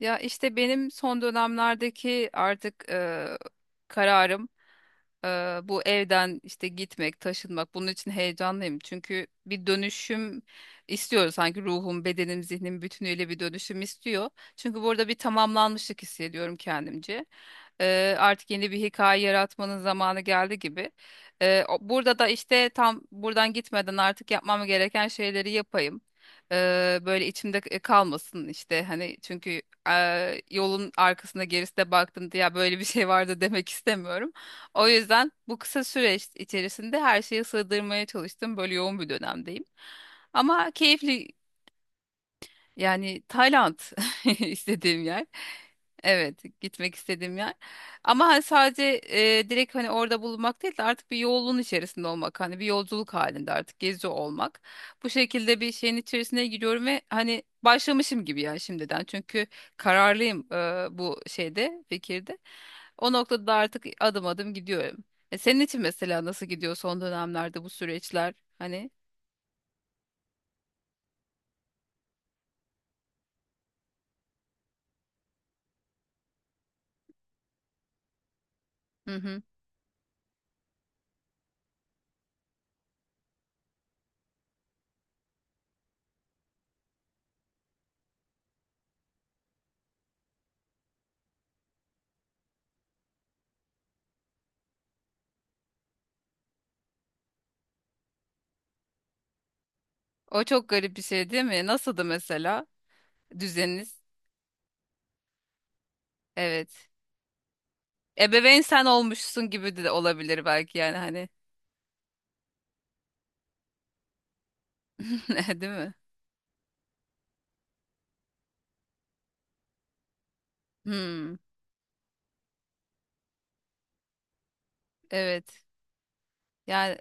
Ya işte benim son dönemlerdeki artık kararım. Bu evden işte gitmek, taşınmak, bunun için heyecanlıyım. Çünkü bir dönüşüm istiyor sanki, ruhum, bedenim, zihnim bütünüyle bir dönüşüm istiyor. Çünkü burada bir tamamlanmışlık hissediyorum kendimce. Artık yeni bir hikaye yaratmanın zamanı geldi gibi. Burada da işte tam buradan gitmeden artık yapmam gereken şeyleri yapayım. Böyle içimde kalmasın işte, hani çünkü yolun arkasında gerisine baktım diye "Ya böyle bir şey vardı" demek istemiyorum. O yüzden bu kısa süreç içerisinde her şeyi sığdırmaya çalıştım. Böyle yoğun bir dönemdeyim. Ama keyifli. Yani Tayland istediğim yer. Evet, gitmek istediğim yer. Ama hani sadece direkt hani orada bulunmak değil de artık bir yolun içerisinde olmak, hani bir yolculuk halinde artık gezi olmak. Bu şekilde bir şeyin içerisine giriyorum ve hani başlamışım gibi ya, şimdiden. Çünkü kararlıyım bu şeyde, fikirde. O noktada da artık adım adım gidiyorum. Senin için mesela nasıl gidiyor son dönemlerde bu süreçler? Hani, hı hı. O çok garip bir şey değil mi? Nasıldı mesela? Düzeniniz. Evet. Ebeveyn sen olmuşsun gibi de olabilir belki, yani hani. Değil mi? Hmm, evet. Yani,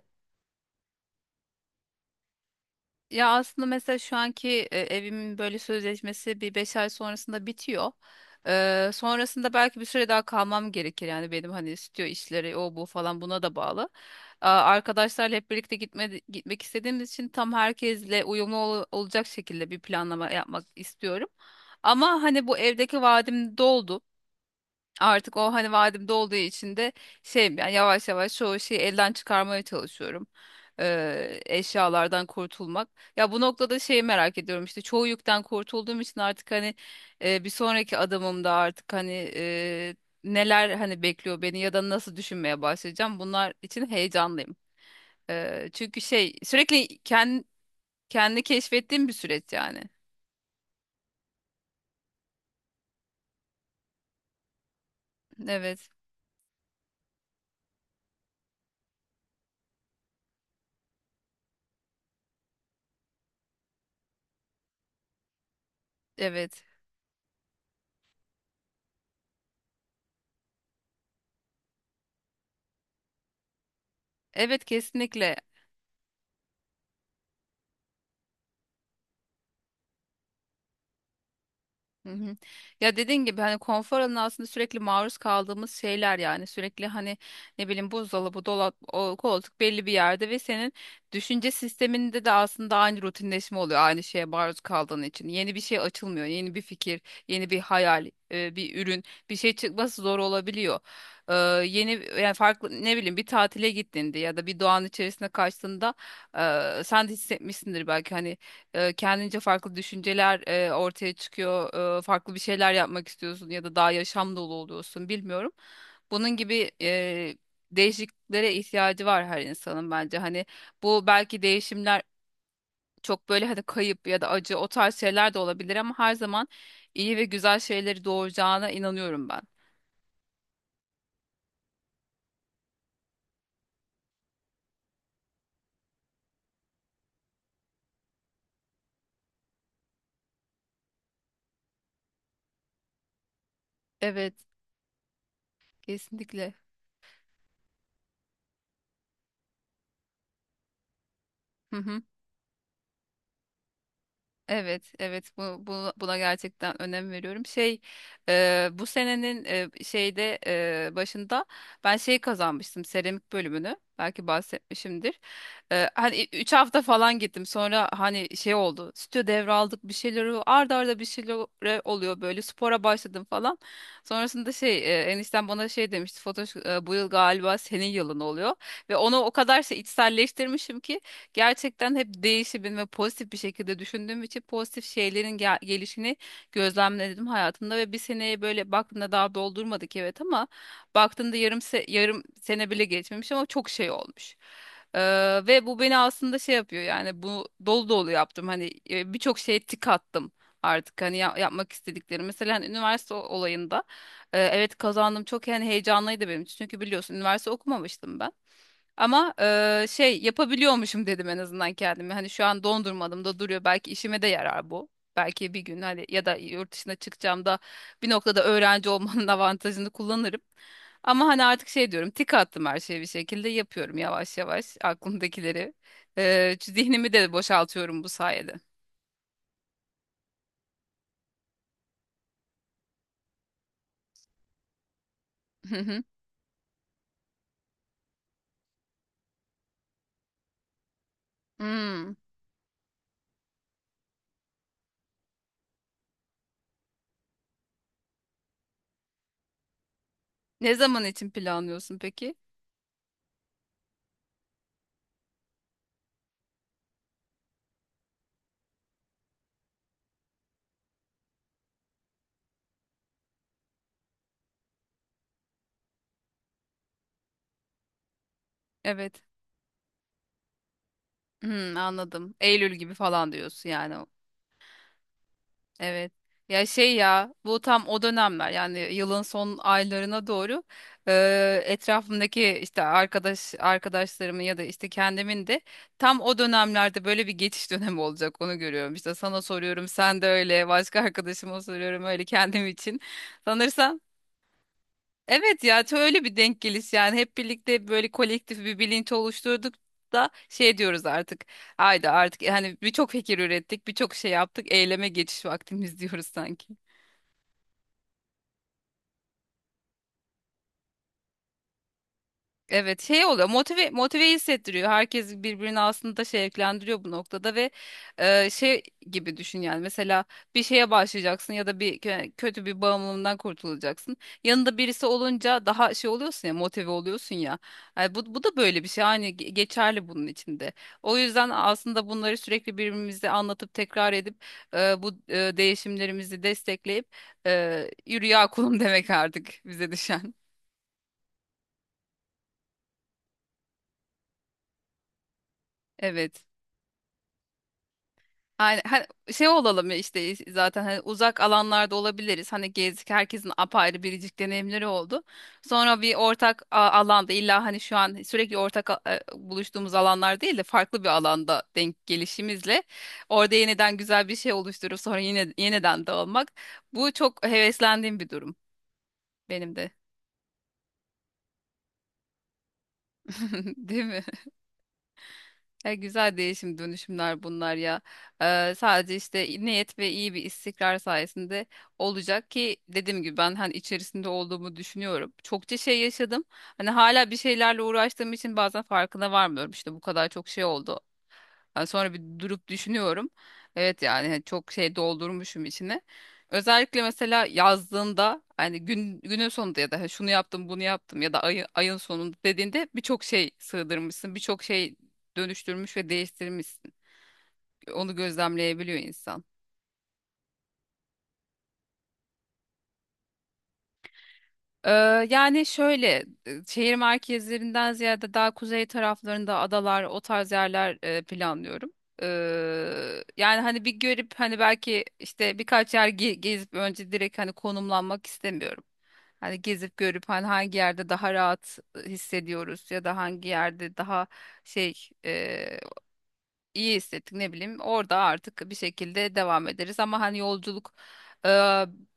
ya aslında mesela şu anki evimin böyle sözleşmesi bir 5 ay sonrasında bitiyor. Sonrasında belki bir süre daha kalmam gerekir, yani benim hani stüdyo işleri, o bu falan, buna da bağlı. Arkadaşlarla hep birlikte gitme, gitmek istediğimiz için tam herkesle uyumlu olacak şekilde bir planlama yapmak istiyorum. Ama hani bu evdeki vaadim doldu. Artık o hani vadim dolduğu için de şey, yani yavaş yavaş çoğu şeyi elden çıkarmaya çalışıyorum. Eşyalardan kurtulmak. Ya bu noktada şeyi merak ediyorum işte, çoğu yükten kurtulduğum için artık hani bir sonraki adımımda artık hani neler hani bekliyor beni ya da nasıl düşünmeye başlayacağım, bunlar için heyecanlıyım. Çünkü şey, sürekli kendi keşfettiğim bir süreç yani. Evet, evet. Evet, kesinlikle. Hı hı. Ya, dediğin gibi hani konfor alanı aslında sürekli maruz kaldığımız şeyler, yani sürekli hani ne bileyim buzdolabı, dolap, o koltuk belli bir yerde ve senin düşünce sisteminde de aslında aynı rutinleşme oluyor, aynı şeye maruz kaldığın için. Yeni bir şey açılmıyor, yeni bir fikir, yeni bir hayal, bir ürün, bir şey çıkması zor olabiliyor. Ee, Yeni, yani farklı, ne bileyim bir tatile gittiğinde ya da bir doğanın içerisine kaçtığında sen de hissetmişsindir belki, hani kendince farklı düşünceler ortaya çıkıyor. Farklı bir şeyler yapmak istiyorsun ya da daha yaşam dolu oluyorsun, bilmiyorum. Bunun gibi değişikliklere ihtiyacı var her insanın bence. Hani bu belki değişimler çok böyle hani kayıp ya da acı, o tarz şeyler de olabilir, ama her zaman iyi ve güzel şeyleri doğuracağına inanıyorum ben. Evet, kesinlikle. Hı hı. Evet, evet, buna gerçekten önem veriyorum. Şey, bu senenin şeyde başında ben şey kazanmıştım, seramik bölümünü. Belki bahsetmişimdir. Hani 3 hafta falan gittim. Sonra hani şey oldu. Stüdyo devraldık, bir şeyleri, arda arda bir şeyler oluyor, böyle spora başladım falan. Sonrasında şey, enişten bana şey demişti. Fotoş, bu yıl galiba senin yılın oluyor. Ve onu o kadar şey içselleştirmişim ki gerçekten hep değişimin ve pozitif bir şekilde düşündüğüm için pozitif şeylerin gelişini gözlemledim hayatımda ve bir seneye böyle baktığında daha doldurmadık, evet, ama baktığında yarım sene bile geçmemiş, ama çok şey olmuş. Ee, Ve bu beni aslında şey yapıyor, yani bu, dolu dolu yaptım hani, birçok şeye tik attım artık hani yapmak istediklerim. Mesela hani üniversite olayında evet, kazandım, çok yani heyecanlıydı benim için çünkü biliyorsun üniversite okumamıştım ben. Ama şey yapabiliyormuşum dedim, en azından kendime. Hani şu an dondurmadım da duruyor. Belki işime de yarar bu. Belki bir gün hani ya da yurt dışına çıkacağım da bir noktada öğrenci olmanın avantajını kullanırım. Ama hani artık şey diyorum, tik attım, her şeyi bir şekilde yapıyorum, yavaş yavaş aklımdakileri. Zihnimi de boşaltıyorum bu sayede. Hı hı. Hmm. Ne zaman için planlıyorsun peki? Evet. Hmm, anladım. Eylül gibi falan diyorsun yani. Evet. Ya şey, ya bu tam o dönemler, yani yılın son aylarına doğru etrafımdaki işte arkadaşlarımın ya da işte kendimin de tam o dönemlerde böyle bir geçiş dönemi olacak, onu görüyorum. İşte sana soruyorum, sen de öyle, başka arkadaşıma soruyorum öyle, kendim için. Sanırsam evet, ya çok öyle bir denk geliş, yani hep birlikte böyle kolektif bir bilinç oluşturduk da şey diyoruz artık. Haydi artık, hani birçok fikir ürettik, birçok şey yaptık. Eyleme geçiş vaktimiz diyoruz sanki. Evet, şey oluyor, motive motive hissettiriyor, herkes birbirini aslında şevklendiriyor bu noktada. Ve şey gibi düşün, yani mesela bir şeye başlayacaksın ya da bir kötü bir bağımlılığından kurtulacaksın, yanında birisi olunca daha şey oluyorsun ya, motive oluyorsun ya. Yani bu da böyle bir şey, hani geçerli bunun içinde. O yüzden aslında bunları sürekli birbirimize anlatıp tekrar edip bu değişimlerimizi destekleyip, yürü ya kulum demek artık bize düşen. Evet. Aynen. Hani şey olalım ya, işte zaten hani uzak alanlarda olabiliriz. Hani gezdik, herkesin apayrı biricik deneyimleri oldu. Sonra bir ortak alanda, illa hani şu an sürekli ortak buluştuğumuz alanlar değil de farklı bir alanda denk gelişimizle orada yeniden güzel bir şey oluşturup sonra yine yeniden dağılmak. Bu çok heveslendiğim bir durum benim de. Değil mi? Ya, güzel değişim dönüşümler bunlar ya. Sadece işte niyet ve iyi bir istikrar sayesinde olacak ki, dediğim gibi ben hani içerisinde olduğumu düşünüyorum. Çokça şey yaşadım. Hani hala bir şeylerle uğraştığım için bazen farkına varmıyorum, İşte bu kadar çok şey oldu. Yani sonra bir durup düşünüyorum. Evet, yani hani çok şey doldurmuşum içine. Özellikle mesela yazdığında hani günün sonunda ya da hani şunu yaptım bunu yaptım ya da ayın sonunda dediğinde birçok şey sığdırmışsın. Birçok şey dönüştürmüş ve değiştirmişsin. Onu gözlemleyebiliyor insan. Ee, Yani şöyle, şehir merkezlerinden ziyade daha kuzey taraflarında adalar, o tarz yerler planlıyorum. Yani hani bir görüp, hani belki işte birkaç yer gezip, önce direkt hani konumlanmak istemiyorum. Hani gezip görüp hani hangi yerde daha rahat hissediyoruz ya da hangi yerde daha şey, e, iyi hissettik, ne bileyim, orada artık bir şekilde devam ederiz, ama hani yolculuk e,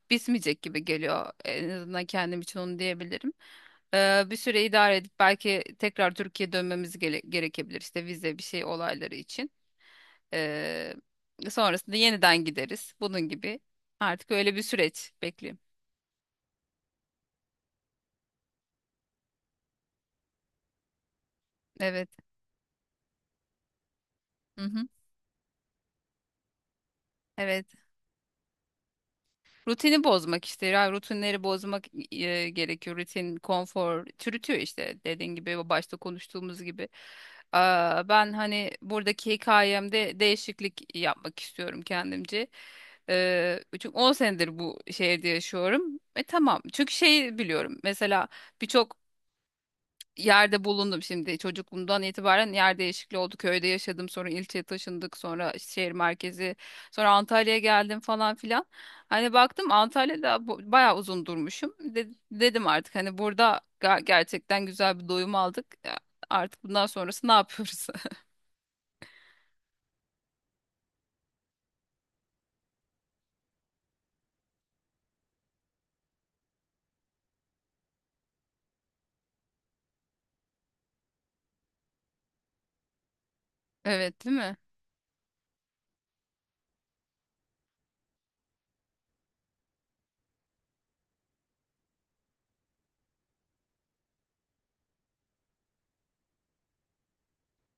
bitmeyecek gibi geliyor, en azından kendim için onu diyebilirim. Bir süre idare edip belki tekrar Türkiye'ye dönmemiz gerekebilir, işte vize bir şey olayları için. E, Sonrasında yeniden gideriz, bunun gibi, artık öyle bir süreç bekliyorum. Evet. Hı hı. Evet. Rutini bozmak işte. Ya rutinleri bozmak gerekiyor. Rutin, konfor çürütüyor işte, dediğin gibi, başta konuştuğumuz gibi. Ben hani buradaki hikayemde değişiklik yapmak istiyorum kendimce. Çünkü 10 senedir bu şehirde yaşıyorum. Tamam. Çünkü şey biliyorum. Mesela birçok yerde bulundum, şimdi çocukluğumdan itibaren yer değişikliği oldu, köyde yaşadım, sonra ilçeye taşındık, sonra şehir merkezi, sonra Antalya'ya geldim falan filan. Hani baktım Antalya'da bayağı uzun durmuşum. Dedim artık hani burada gerçekten güzel bir doyum aldık. Ya artık bundan sonrası ne yapıyoruz? Evet, değil mi?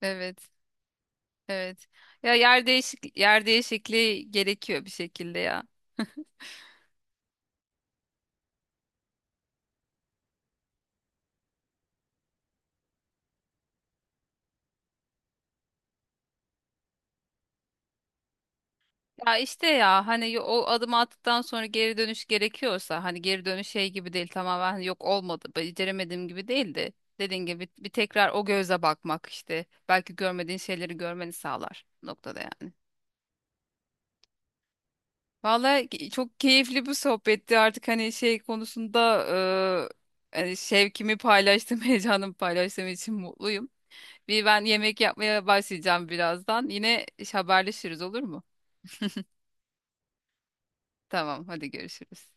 Evet, evet, ya yer değişikliği gerekiyor bir şekilde, ya. Ya işte, ya hani o adımı attıktan sonra geri dönüş gerekiyorsa, hani geri dönüş şey gibi değil, tamamen hani yok olmadı, beceremediğim gibi değildi. Dediğin gibi bir tekrar o göze bakmak işte, belki görmediğin şeyleri görmeni sağlar noktada yani. Vallahi, çok keyifli bir sohbetti. Artık hani şey konusunda hani şevkimi paylaştım, heyecanımı paylaştığım için mutluyum. Bir ben yemek yapmaya başlayacağım birazdan, yine haberleşiriz, olur mu? Tamam, hadi görüşürüz.